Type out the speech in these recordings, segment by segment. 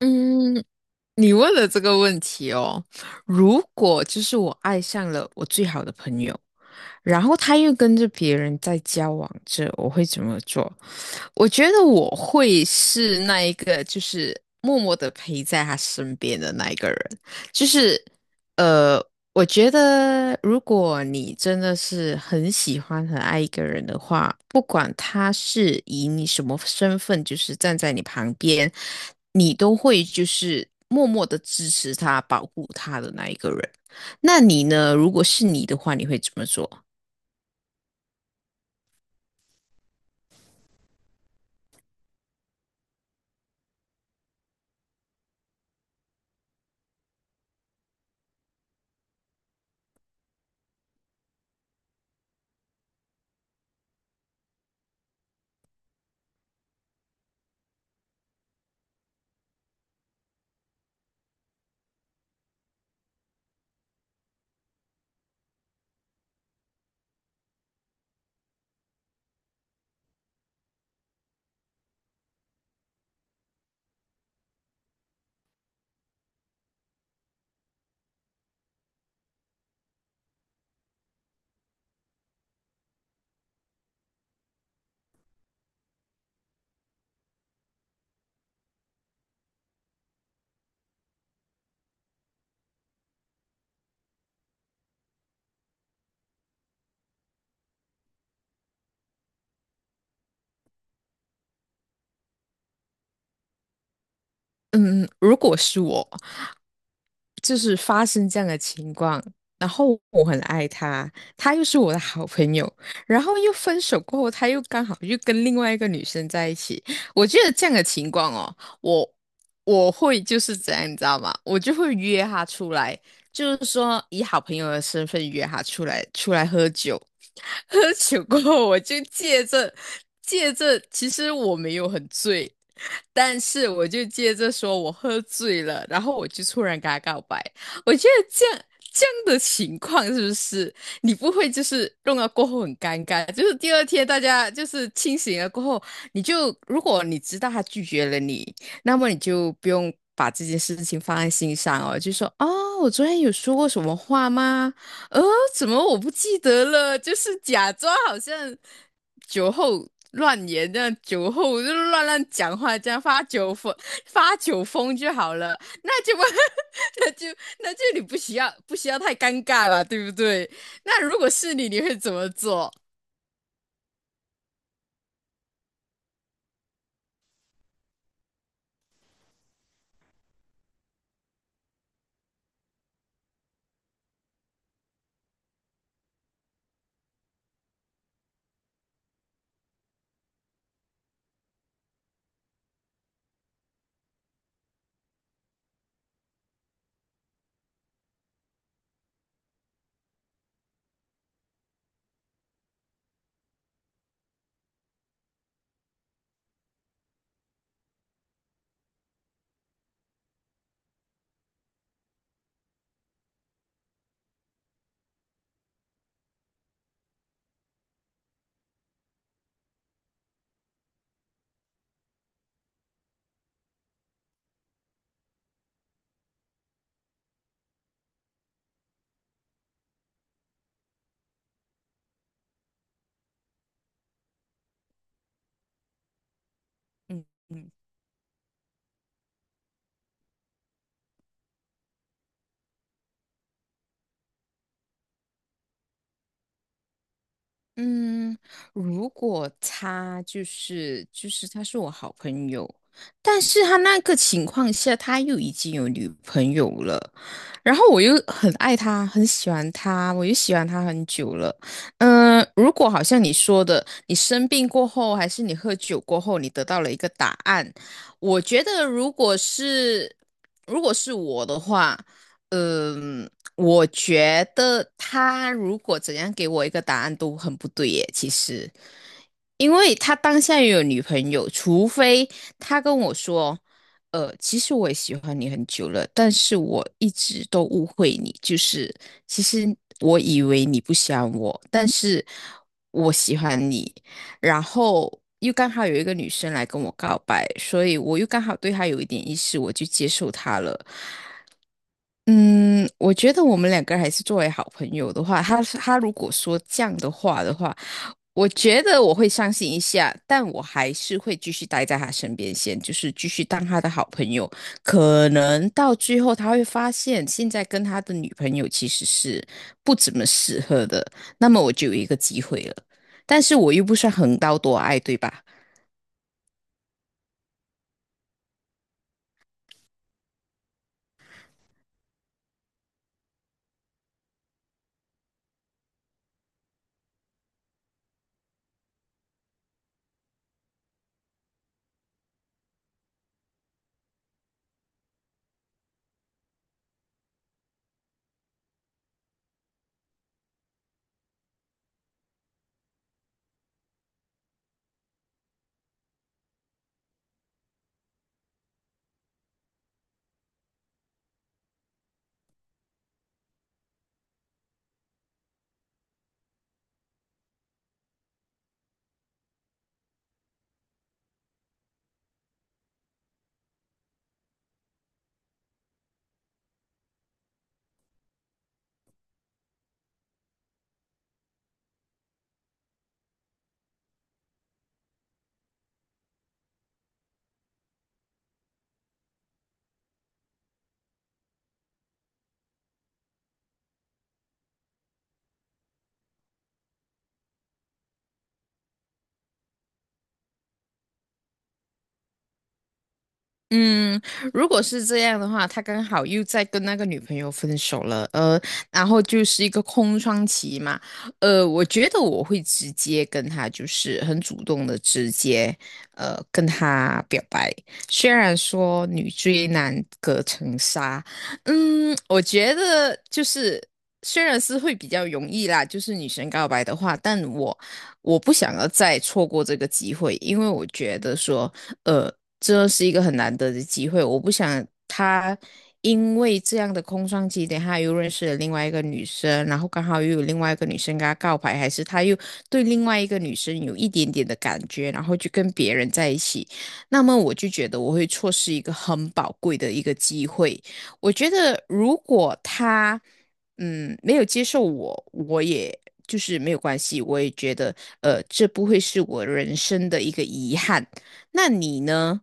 嗯，你问了这个问题哦。如果就是我爱上了我最好的朋友，然后他又跟着别人在交往着，我会怎么做？我觉得我会是那一个，就是默默的陪在他身边的那一个人。就是呃，我觉得如果你真的是很喜欢、很爱一个人的话，不管他是以你什么身份，就是站在你旁边，你都会就是默默的支持他、保护他的那一个人。那你呢？如果是你的话，你会怎么做？嗯，如果是我，就是发生这样的情况，然后我很爱他，他又是我的好朋友，然后又分手过后，他又刚好又跟另外一个女生在一起，我觉得这样的情况哦，我我会就是怎样，你知道吗？我就会约他出来，就是说以好朋友的身份约他出来，出来喝酒，喝酒过后，我就借着，其实我没有很醉，但是我就借着说我喝醉了，然后我就突然跟他告白。我觉得这样的情况是不是你不会就是弄到过后很尴尬？就是第二天大家就是清醒了过后，你就如果你知道他拒绝了你，那么你就不用，把这件事情放在心上哦，就说哦，我昨天有说过什么话吗？呃，怎么我不记得了？就是假装好像酒后乱言，这样酒后就乱乱讲话，这样发酒疯，发酒疯就好了。那就不，那就那就你不需要太尴尬了，对不对？那如果是你，你会怎么做？嗯嗯，如果他就是他是我好朋友，但是他那个情况下他又已经有女朋友了，然后我又很爱他，很喜欢他，我又喜欢他很久了。嗯，如果好像你说的，你生病过后，还是你喝酒过后，你得到了一个答案，我觉得如果是我的话。嗯，我觉得他如果怎样给我一个答案都很不对耶，其实，因为他当下也有女朋友，除非他跟我说，其实我也喜欢你很久了，但是我一直都误会你，就是其实我以为你不喜欢我，但是我喜欢你，然后又刚好有一个女生来跟我告白，所以我又刚好对她有一点意思，我就接受她了。嗯，我觉得我们两个还是作为好朋友的话，他如果说这样的话，我觉得我会伤心一下，但我还是会继续待在他身边先，就是继续当他的好朋友。可能到最后他会发现，现在跟他的女朋友其实是不怎么适合的，那么我就有一个机会了。但是我又不算横刀夺爱，对吧？嗯，如果是这样的话，他刚好又在跟那个女朋友分手了，然后就是一个空窗期嘛，我觉得我会直接跟他，就是很主动的直接，跟他表白。虽然说女追男隔层纱，嗯，我觉得就是虽然是会比较容易啦，就是女生告白的话，但我。我不想要再错过这个机会，因为我觉得说，呃，这是一个很难得的机会，我不想他因为这样的空窗期，等他又认识了另外一个女生，然后刚好又有另外一个女生跟他告白，还是他又对另外一个女生有一点点的感觉，然后就跟别人在一起，那么我就觉得我会错失一个很宝贵的一个机会。我觉得如果他。嗯，没有接受我，我也就是没有关系，我也觉得，这不会是我人生的一个遗憾。那你呢？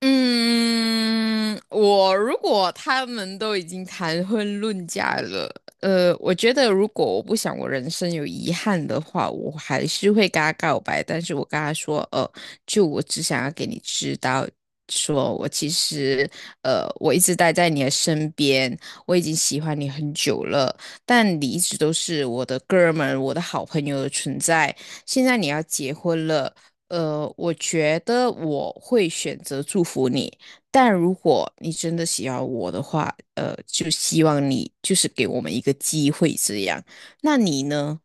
嗯，我如果他们都已经谈婚论嫁了，我觉得如果我不想我人生有遗憾的话，我还是会跟他告白，但是我跟他说，就我只想要给你知道，说我其实，我一直待在你的身边，我已经喜欢你很久了，但你一直都是我的哥们儿我的好朋友的存在，现在你要结婚了。我觉得我会选择祝福你，但如果你真的喜欢我的话，就希望你就是给我们一个机会这样。那你呢？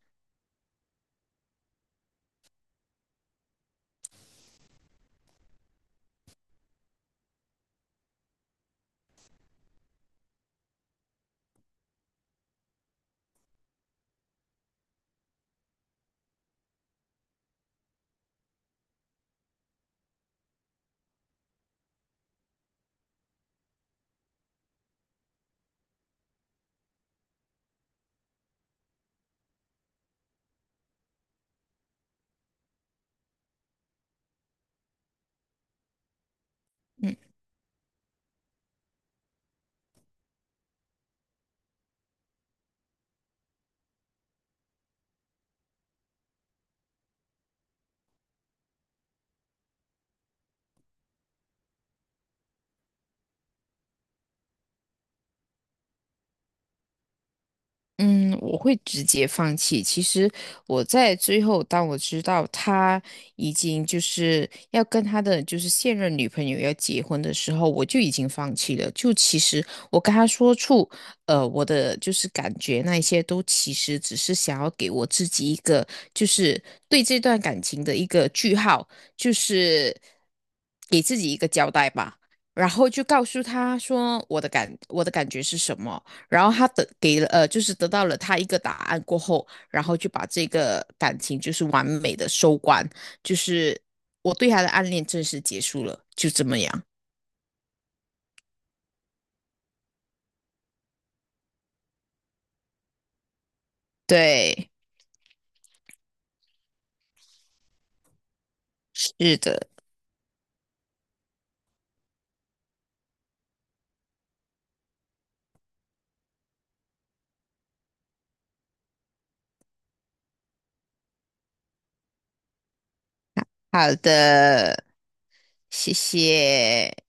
嗯嗯，我会直接放弃。其实我在最后，当我知道他已经就是要跟他的就是现任女朋友要结婚的时候，我就已经放弃了。就其实我跟他说出，我的就是感觉那一些都其实只是想要给我自己一个就是对这段感情的一个句号，就是给自己一个交代吧。然后就告诉他说我的感觉是什么。然后他得给了呃，就是得到了他一个答案过后，然后就把这个感情就是完美的收官，就是我对他的暗恋正式结束了，就这么样。对，是的，好的，谢谢。